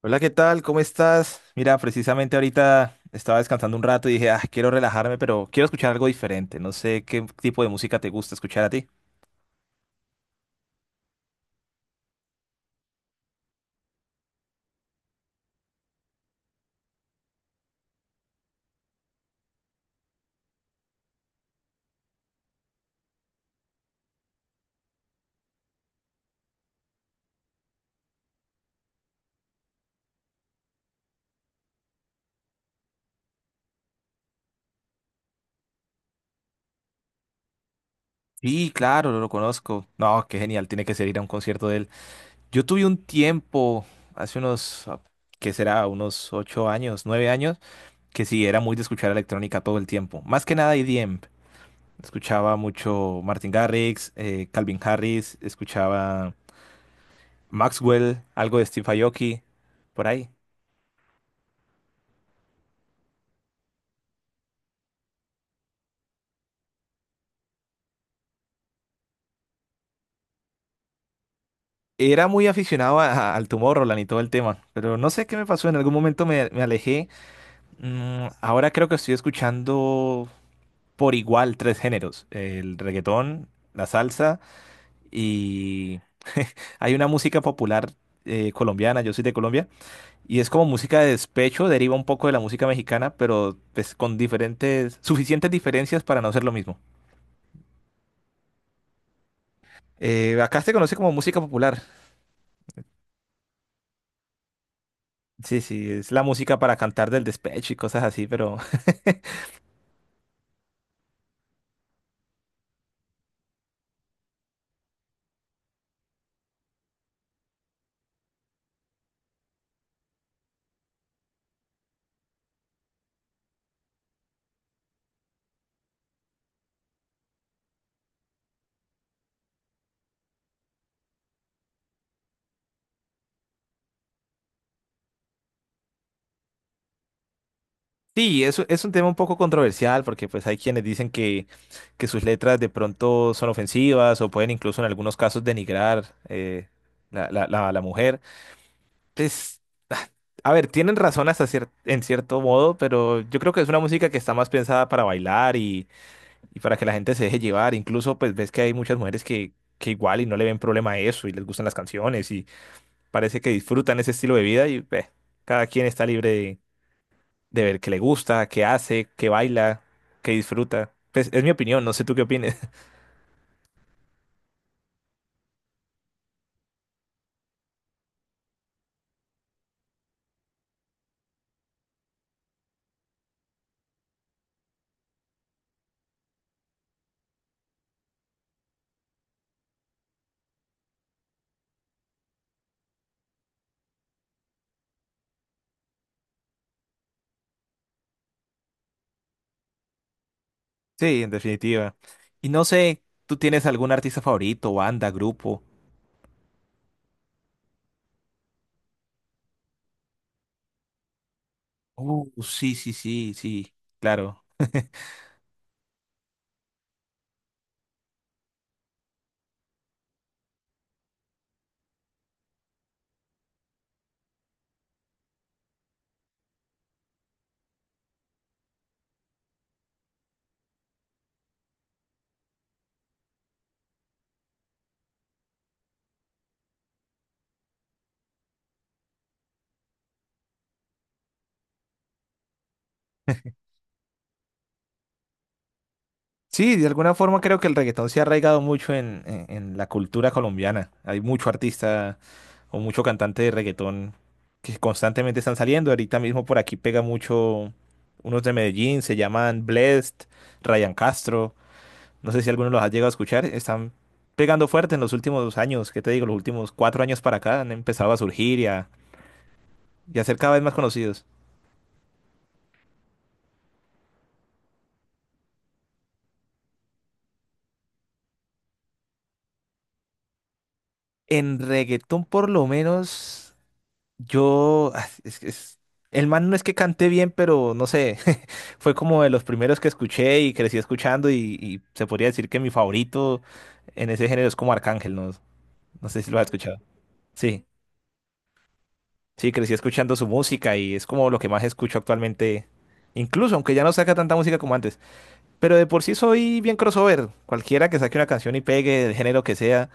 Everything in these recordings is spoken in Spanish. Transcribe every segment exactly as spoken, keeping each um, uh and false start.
Hola, ¿qué tal? ¿Cómo estás? Mira, precisamente ahorita estaba descansando un rato y dije, ah, quiero relajarme, pero quiero escuchar algo diferente. No sé qué tipo de música te gusta escuchar a ti. Sí, claro, lo, lo conozco. No, qué genial, tiene que ser ir a un concierto de él. Yo tuve un tiempo, hace unos, ah, ¿qué será? Unos ocho años, nueve años, que sí, era muy de escuchar electrónica todo el tiempo. Más que nada E D M. Escuchaba mucho Martin Garrix, eh, Calvin Harris, escuchaba Maxwell, algo de Steve Aoki, por ahí. Era muy aficionado a- a- al Tomorrowland y todo el tema, pero no sé qué me pasó, en algún momento me, me alejé. Mm, ahora creo que estoy escuchando por igual tres géneros, el reggaetón, la salsa y hay una música popular eh, colombiana, yo soy de Colombia, y es como música de despecho, deriva un poco de la música mexicana, pero pues, con diferentes, suficientes diferencias para no ser lo mismo. Eh, acá se conoce como música popular. Sí, sí, es la música para cantar del despecho y cosas así, pero sí, es, es un tema un poco controversial porque pues hay quienes dicen que, que sus letras de pronto son ofensivas o pueden incluso en algunos casos denigrar eh, la, la, la, la mujer. Pues, ah, a ver, tienen razón hasta cier- en cierto modo, pero yo creo que es una música que está más pensada para bailar y, y para que la gente se deje llevar. Incluso pues ves que hay muchas mujeres que, que igual y no le ven problema a eso y les gustan las canciones y parece que disfrutan ese estilo de vida y pues, cada quien está libre de ver qué le gusta, qué hace, qué baila, qué disfruta. Pues es mi opinión, no sé tú qué opines. Sí, en definitiva. Y no sé, ¿tú tienes algún artista favorito, banda, grupo? Uh, sí, sí, sí, sí, claro. Sí, de alguna forma creo que el reggaetón se ha arraigado mucho en, en- en la cultura colombiana. Hay mucho artista o mucho cantante de reggaetón que constantemente están saliendo. Ahorita mismo por aquí pega mucho unos de Medellín, se llaman Blessd, Ryan Castro. No sé si alguno los ha llegado a escuchar. Están pegando fuerte en los últimos años, ¿qué te digo? Los últimos cuatro años para acá han empezado a surgir y a, y a ser cada vez más conocidos. En reggaetón, por lo menos, yo... ah, Es, es- el man no es que cante bien, pero no sé, fue como de los primeros que escuché y crecí escuchando y, y se podría decir que mi favorito en ese género es como Arcángel, ¿no? No sé si lo has escuchado. Sí, sí, crecí escuchando su música y es como lo que más escucho actualmente, incluso aunque ya no saca tanta música como antes. Pero de por sí soy bien crossover. Cualquiera que saque una canción y pegue del género que sea,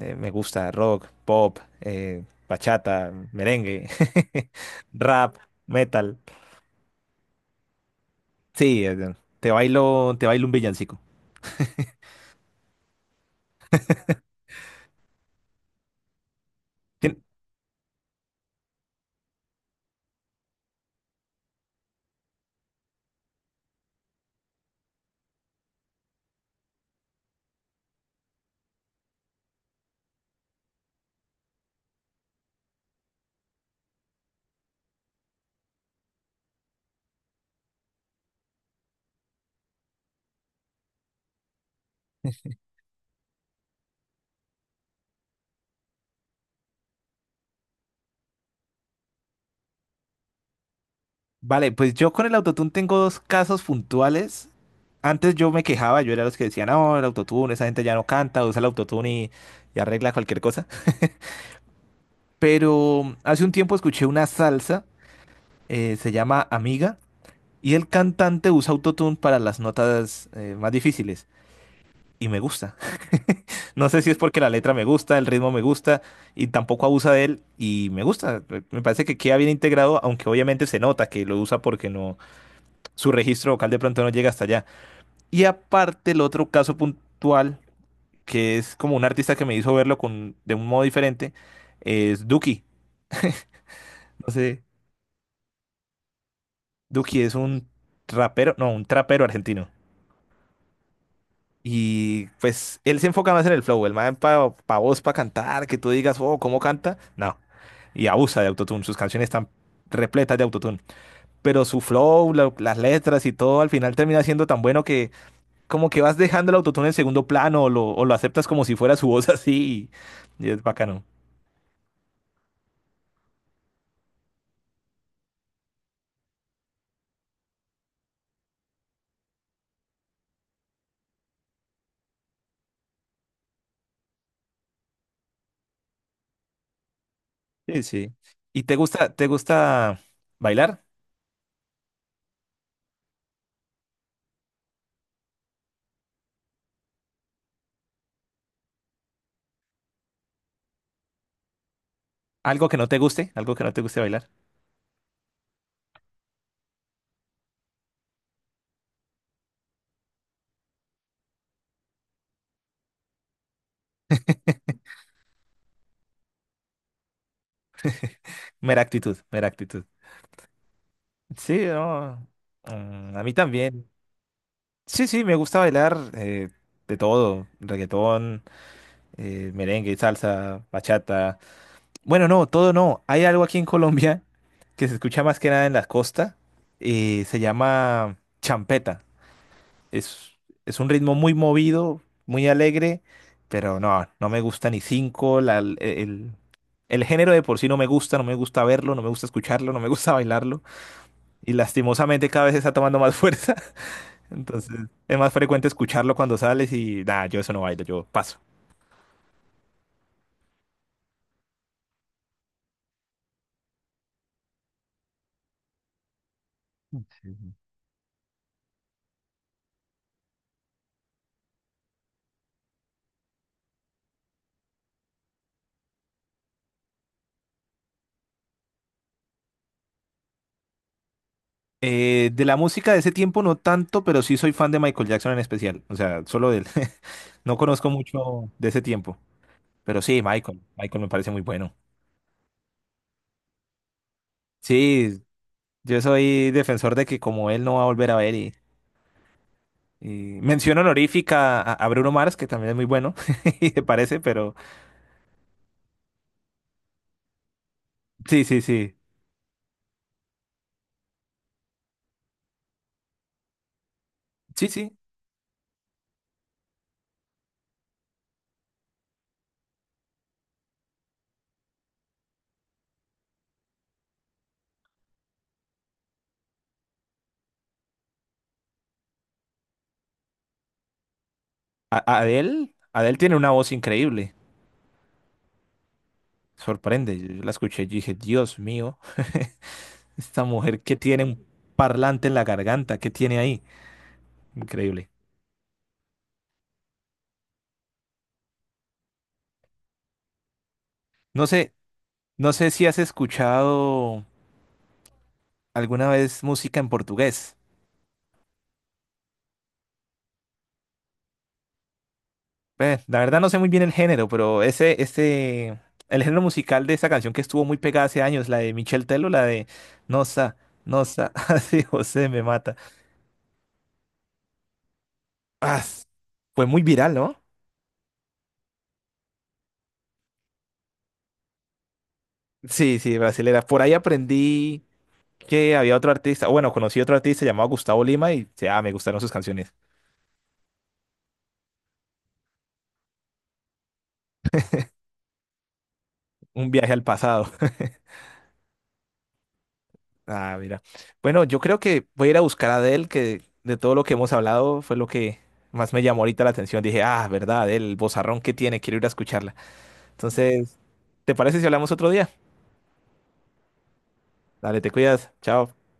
eh, me gusta rock, pop, eh, bachata, merengue, rap, metal. Sí, eh, te bailo, te bailo un villancico. Tien- Vale, pues yo con el autotune tengo dos casos puntuales. Antes yo me quejaba, yo era los que decían, no, el autotune, esa gente ya no canta, usa el autotune y, y arregla cualquier cosa. Pero hace un tiempo escuché una salsa, eh, se llama Amiga. Y el cantante usa autotune para las notas eh, más difíciles. Y me gusta. No sé si es porque la letra me gusta, el ritmo me gusta, y tampoco abusa de él, y me gusta. Me parece que queda bien integrado, aunque obviamente se nota que lo usa porque no, su registro vocal de pronto no llega hasta allá. Y aparte, el otro caso puntual, que es como un artista que me hizo verlo con, de un modo diferente, es Duki. No sé, Duki es un rapero, no, un trapero argentino. Y pues él se enfoca más en el flow, el man para pa pa voz, para cantar, que tú digas, oh, ¿cómo canta? No. Y abusa de autotune, sus canciones están repletas de autotune. Pero su flow, la- las letras y todo, al final termina siendo tan bueno que como que vas dejando el autotune en segundo plano o lo, o lo aceptas como si fuera su voz así. Y, y es bacano. Sí, sí. ¿Y te gusta, te gusta bailar? ¿Algo que no te guste? ¿Algo que no te guste bailar? Mera actitud, mera actitud. Sí, no. mm, A mí también. Sí, sí, me gusta bailar eh, de todo, reggaetón, eh, merengue, salsa, bachata. Bueno, no, todo no. Hay algo aquí en Colombia que se escucha más que nada en las costas, eh, se llama champeta. Es, es un ritmo muy movido, muy alegre, pero no, no me gusta ni cinco. la- el, el- el género de por sí no me gusta, no me gusta verlo, no me gusta escucharlo, no me gusta bailarlo. Y lastimosamente cada vez está tomando más fuerza. Entonces, es más frecuente escucharlo cuando sales y nada, yo eso no bailo, yo paso. Eh, de la música de ese tiempo no tanto, pero sí soy fan de Michael Jackson en especial. O sea, solo de él. No conozco mucho de ese tiempo, pero sí, Michael. Michael me parece muy bueno. Sí, yo soy defensor de que como él no va a volver a ver y, y mención honorífica a, a Bruno Mars, que también es muy bueno, y me parece, pero sí, sí, sí. Sí, sí. A, a Adele, Adele tiene una voz increíble. Sorprende. Yo la escuché y dije, Dios mío. Esta mujer que tiene un parlante en la garganta, ¿qué tiene ahí? Increíble. No sé, no sé si has escuchado alguna vez música en portugués. Eh, la verdad no sé muy bien el género, pero ese, este, el género musical de esa canción que estuvo muy pegada hace años, la de Michel Tello, la de Nossa, Nossa, así José me mata. Ah, fue muy viral, ¿no? Sí, sí, brasilera. Por ahí aprendí que había otro artista, o bueno, conocí otro artista llamado Gustavo Lima y ah, me gustaron sus canciones. Un viaje al pasado. Ah, mira. Bueno, yo creo que voy a ir a buscar a Adele, que de todo lo que hemos hablado fue lo que más me llamó ahorita la atención. Dije, ah, verdad, Adele, el vozarrón que tiene, quiero ir a escucharla. Entonces, ¿te parece si hablamos otro día? Dale, te cuidas. Chao.